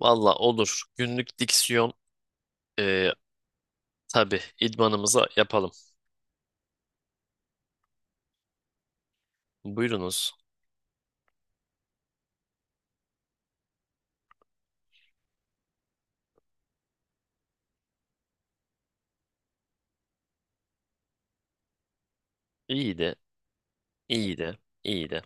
Valla olur. Günlük diksiyon e, tabii idmanımıza yapalım. Buyurunuz. İyi de, iyi de, iyi de.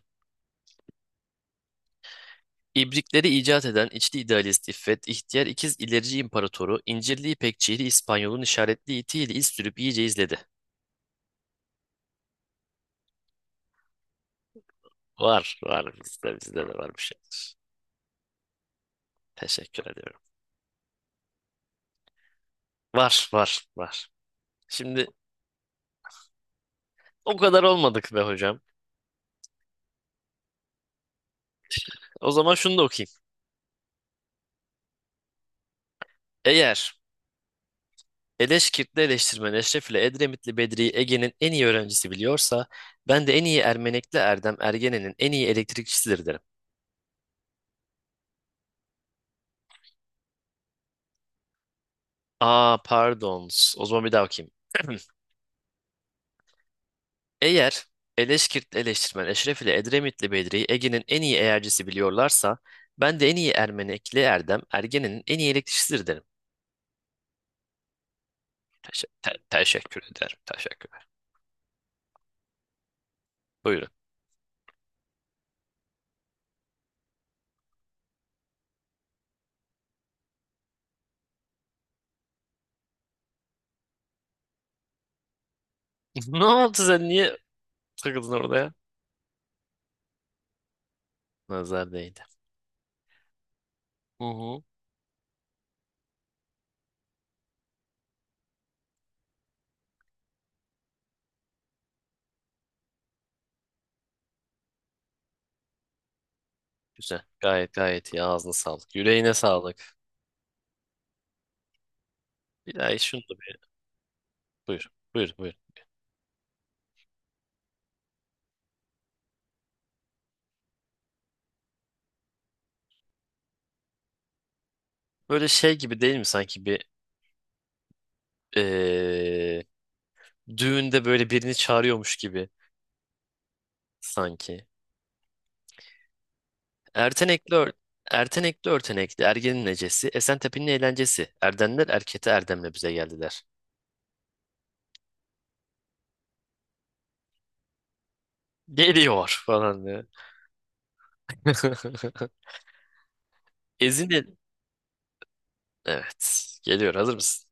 İbrikleri icat eden içli idealist İffet, ihtiyar ikiz ilerici imparatoru, incirli İpekçili İspanyol'un işaretli itiyle iz sürüp iyice izledi. Var, var bizde, bizde de var bir şey. Teşekkür ediyorum. Var, var, var. Şimdi o kadar olmadık be hocam. O zaman şunu da okuyayım. Eğer Eleşkirtli eleştirmen Eşref ile Edremitli Bedri'yi Ege'nin en iyi öğrencisi biliyorsa, ben de en iyi Ermenekli Erdem Ergenen'in en iyi elektrikçisidir derim. Aa pardon. O zaman bir daha okuyayım. Eğer Eleşkirtli eleştirmen Eşref ile Edremitli Bedri'yi Ege'nin en iyi eğercisi biliyorlarsa, ben de en iyi Ermenekli Erdem Ergenen'in en iyi elektrikçisidir derim. Teşekkür ederim. Teşekkürler. Buyurun. Ne oldu sen niye takıldın orada ya? Nazar değdi. Hı hı. Güzel. Gayet gayet iyi. Ağzına sağlık. Yüreğine sağlık. Bir daha şunu da bir... Buyur. Buyur. Böyle şey gibi değil mi sanki bir eee, düğünde böyle birini çağırıyormuş gibi sanki. Ertenekli ör- Ertenekli örtenekli ergenin necesi, Esentepe'nin eğlencesi. Erdenler erkete erdemle bize geldiler. Geliyor falan diye. Ezine... Evet. Geliyor. Hazır mısın?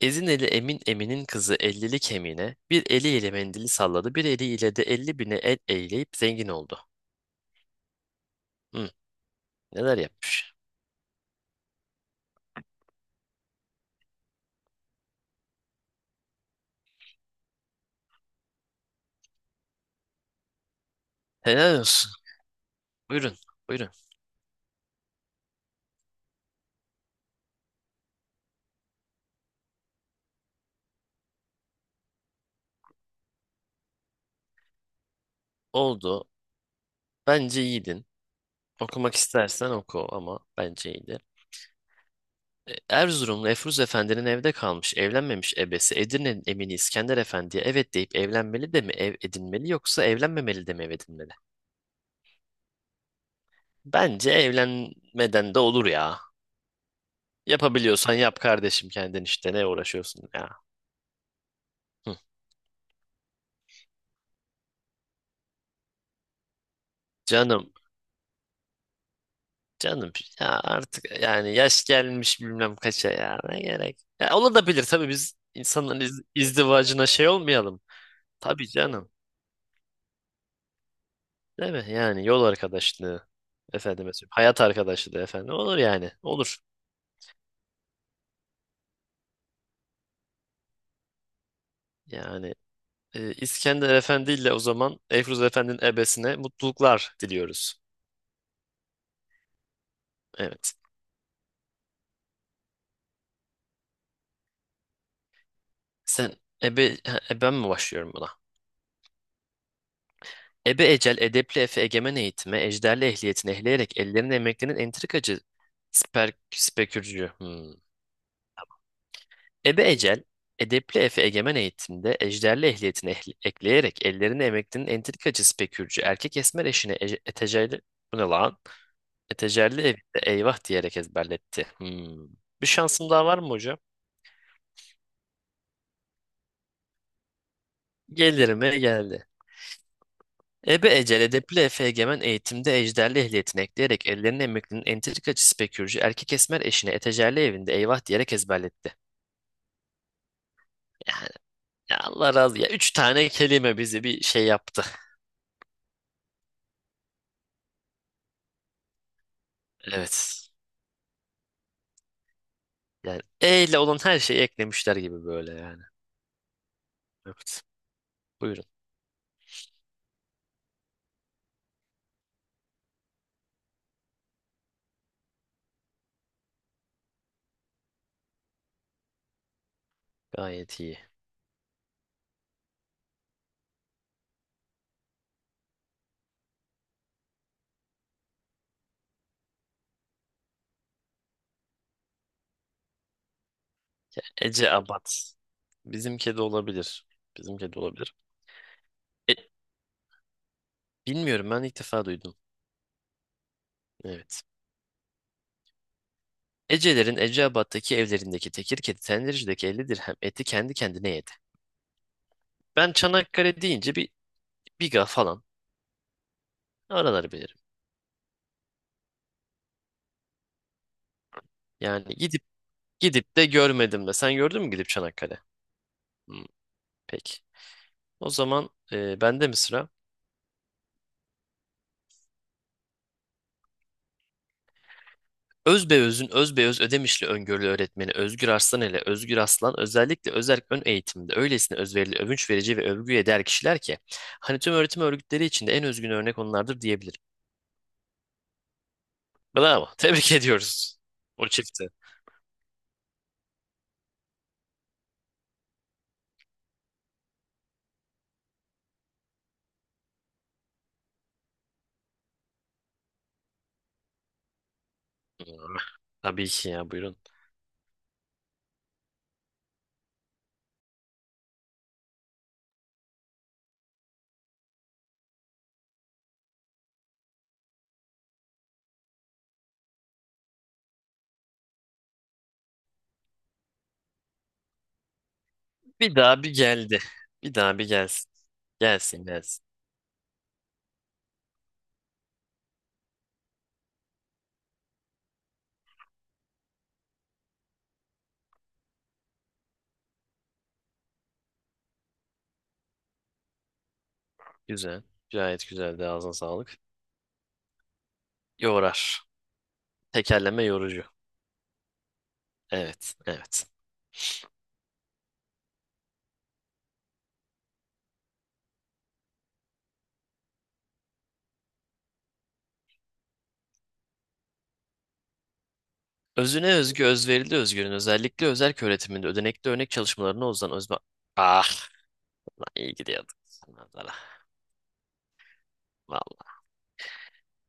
Ezineli Emin Emin'in kızı Ellili Kemine bir eliyle mendili salladı, bir eliyle de elli bine el eğleyip zengin oldu. Hı, neler yapmış? Helal olsun. Buyurun, buyurun. Oldu. Bence iyiydin. Okumak istersen oku ama bence iyiydi. Erzurumlu Efruz Efendi'nin evde kalmış, evlenmemiş ebesi Edirne'nin emini İskender Efendi'ye evet deyip evlenmeli de mi ev edinmeli yoksa evlenmemeli de mi ev edinmeli? Bence evlenmeden de olur ya. Yapabiliyorsan yap kardeşim kendin işte ne uğraşıyorsun ya. Hı. Canım, canım ya artık yani yaş gelmiş bilmem kaça ya ne gerek. Ya olabilir tabii biz insanların izdivacına şey olmayalım. Tabii canım. Değil mi? Yani yol arkadaşlığı efendime söyleyeyim. Hayat arkadaşlığı efendim olur yani. Olur. Yani İskender Efendi ile o zaman Eyfruz Efendi'nin ebesine mutluluklar diliyoruz. Evet. Sen ebe ha, eben mi başlıyorum buna? Ebe ecel, edepli efe, egemen eğitime, ejderli ehliyetini ehleyerek ellerin emeklerinin entrikacı sper, spekürcü. Hmm. Ebe ecel, edepli efe, egemen eğitimde, ejderli ehliyetini ekleyerek ellerini emeklinin entrikacı spekürcü, erkek esmer eşine ece, etecerli, bu ne lan? Etecerli evde eyvah diyerek ezberletti. Hmm. Bir şansım daha var mı hocam? Gelir mi? Geldi. Ebe ecel edepli Efe Egemen eğitimde ejderli ehliyetini ekleyerek ellerine emeklinin entrikacı spekürcü erkek esmer eşine etecerli evinde eyvah diyerek ezberletti. Yani ya Allah razı ya. Üç tane kelime bizi bir şey yaptı. Evet. Yani E ile olan her şeyi eklemişler gibi böyle yani. Evet. Buyurun. Gayet iyi. Ece Abad. Bizim kedi olabilir. Bizim kedi olabilir. E, bilmiyorum ben ilk defa duydum. Evet. Ecelerin Eceabat'taki evlerindeki tekir kedi tendircideki 50 dirhem eti kendi kendine yedi. Ben Çanakkale deyince bir Biga falan araları bilirim. Yani gidip de görmedim de. Sen gördün mü gidip Çanakkale? Hmm, peki. O zaman bende mi sıra? Özbeöz'ün Özbeöz Ödemişli öngörülü öğretmeni Özgür Arslan ile Özgür Aslan özellikle özerk ön eğitimde öylesine özverili, övünç verici ve övgüye değer kişiler ki hani tüm öğretim örgütleri içinde en özgün örnek onlardır diyebilirim. Bravo. Tebrik ediyoruz. O çifti. Hmm, tabii ki ya buyurun. Bir daha bir geldi. Bir daha bir gelsin. Gelsin gelsin. Güzel. Gayet güzel de ağzına sağlık. Yorar. Tekerleme yorucu. Evet, evet. Özüne özgü özverili özgürün özellikle özerk öğretiminde ödenekli örnek çalışmalarına uzanan özme... Ah lan iyi gidiyorduk. Nazara. Vallahi.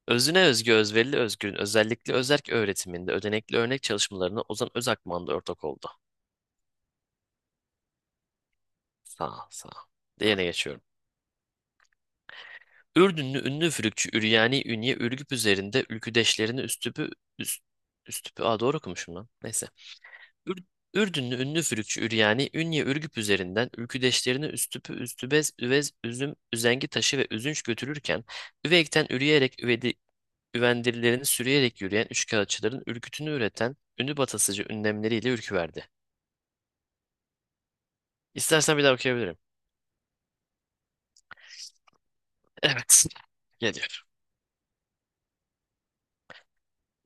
Özüne özgü özverili özgürün özellikle özerk öğretiminde ödenekli örnek çalışmalarına Ozan Özakman'da ortak oldu. Sağ ol. Diğerine geçiyorum. Ürdünlü ünlü üfürükçü Üryani Ünye Ürgüp üzerinde ülküdeşlerini üstüpü üst, üstüpü. Aa doğru okumuşum lan. Neyse. Ür- Ürdünlü ünlü fülükçü Üryani, Ünye Ürgüp üzerinden ülküdeşlerini Üstüpü, Üstübez, Üvez, Üzüm, Üzengi taşı ve Üzünç götürürken, Üveyk'ten üreyerek üvedi, üvendirilerini sürüyerek yürüyen üçkağıtçıların ürkütünü üreten ünlü batasıcı ünlemleriyle ürküverdi. İstersen bir daha okuyabilirim. Evet. Geliyor.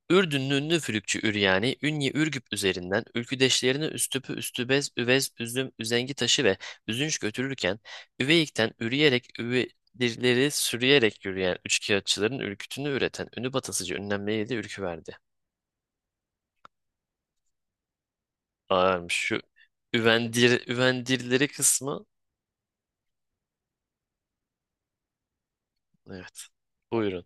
Ürdünlü ünlü Fülükçü Üryani, Ünye Ürgüp üzerinden ülküdeşlerini Üstüpü, Üstübez, Üvez, Üzüm, Üzengi taşı ve Üzünç götürürken, Üveyik'ten üreyerek üvedirleri sürüyerek yürüyen üçkağıtçıların ürkütünü üreten ünü batasıcı ünlemleriyle de ürkü verdi. Ağırmış şu üvendirleri kısmı. Evet. Buyurun.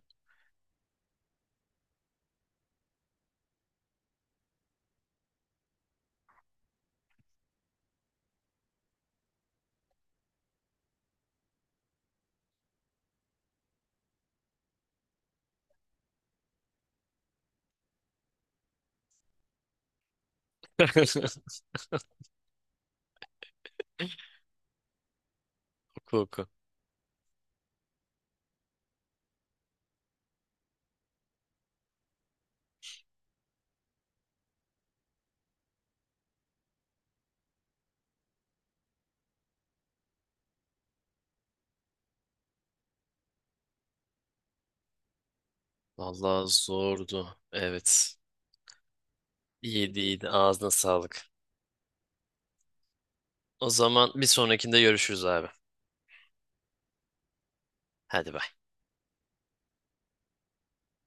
Oku oku. Vallahi zordu. Evet. İyiydi iyiydi. Ağzına sağlık. O zaman bir sonrakinde görüşürüz abi. Hadi bay.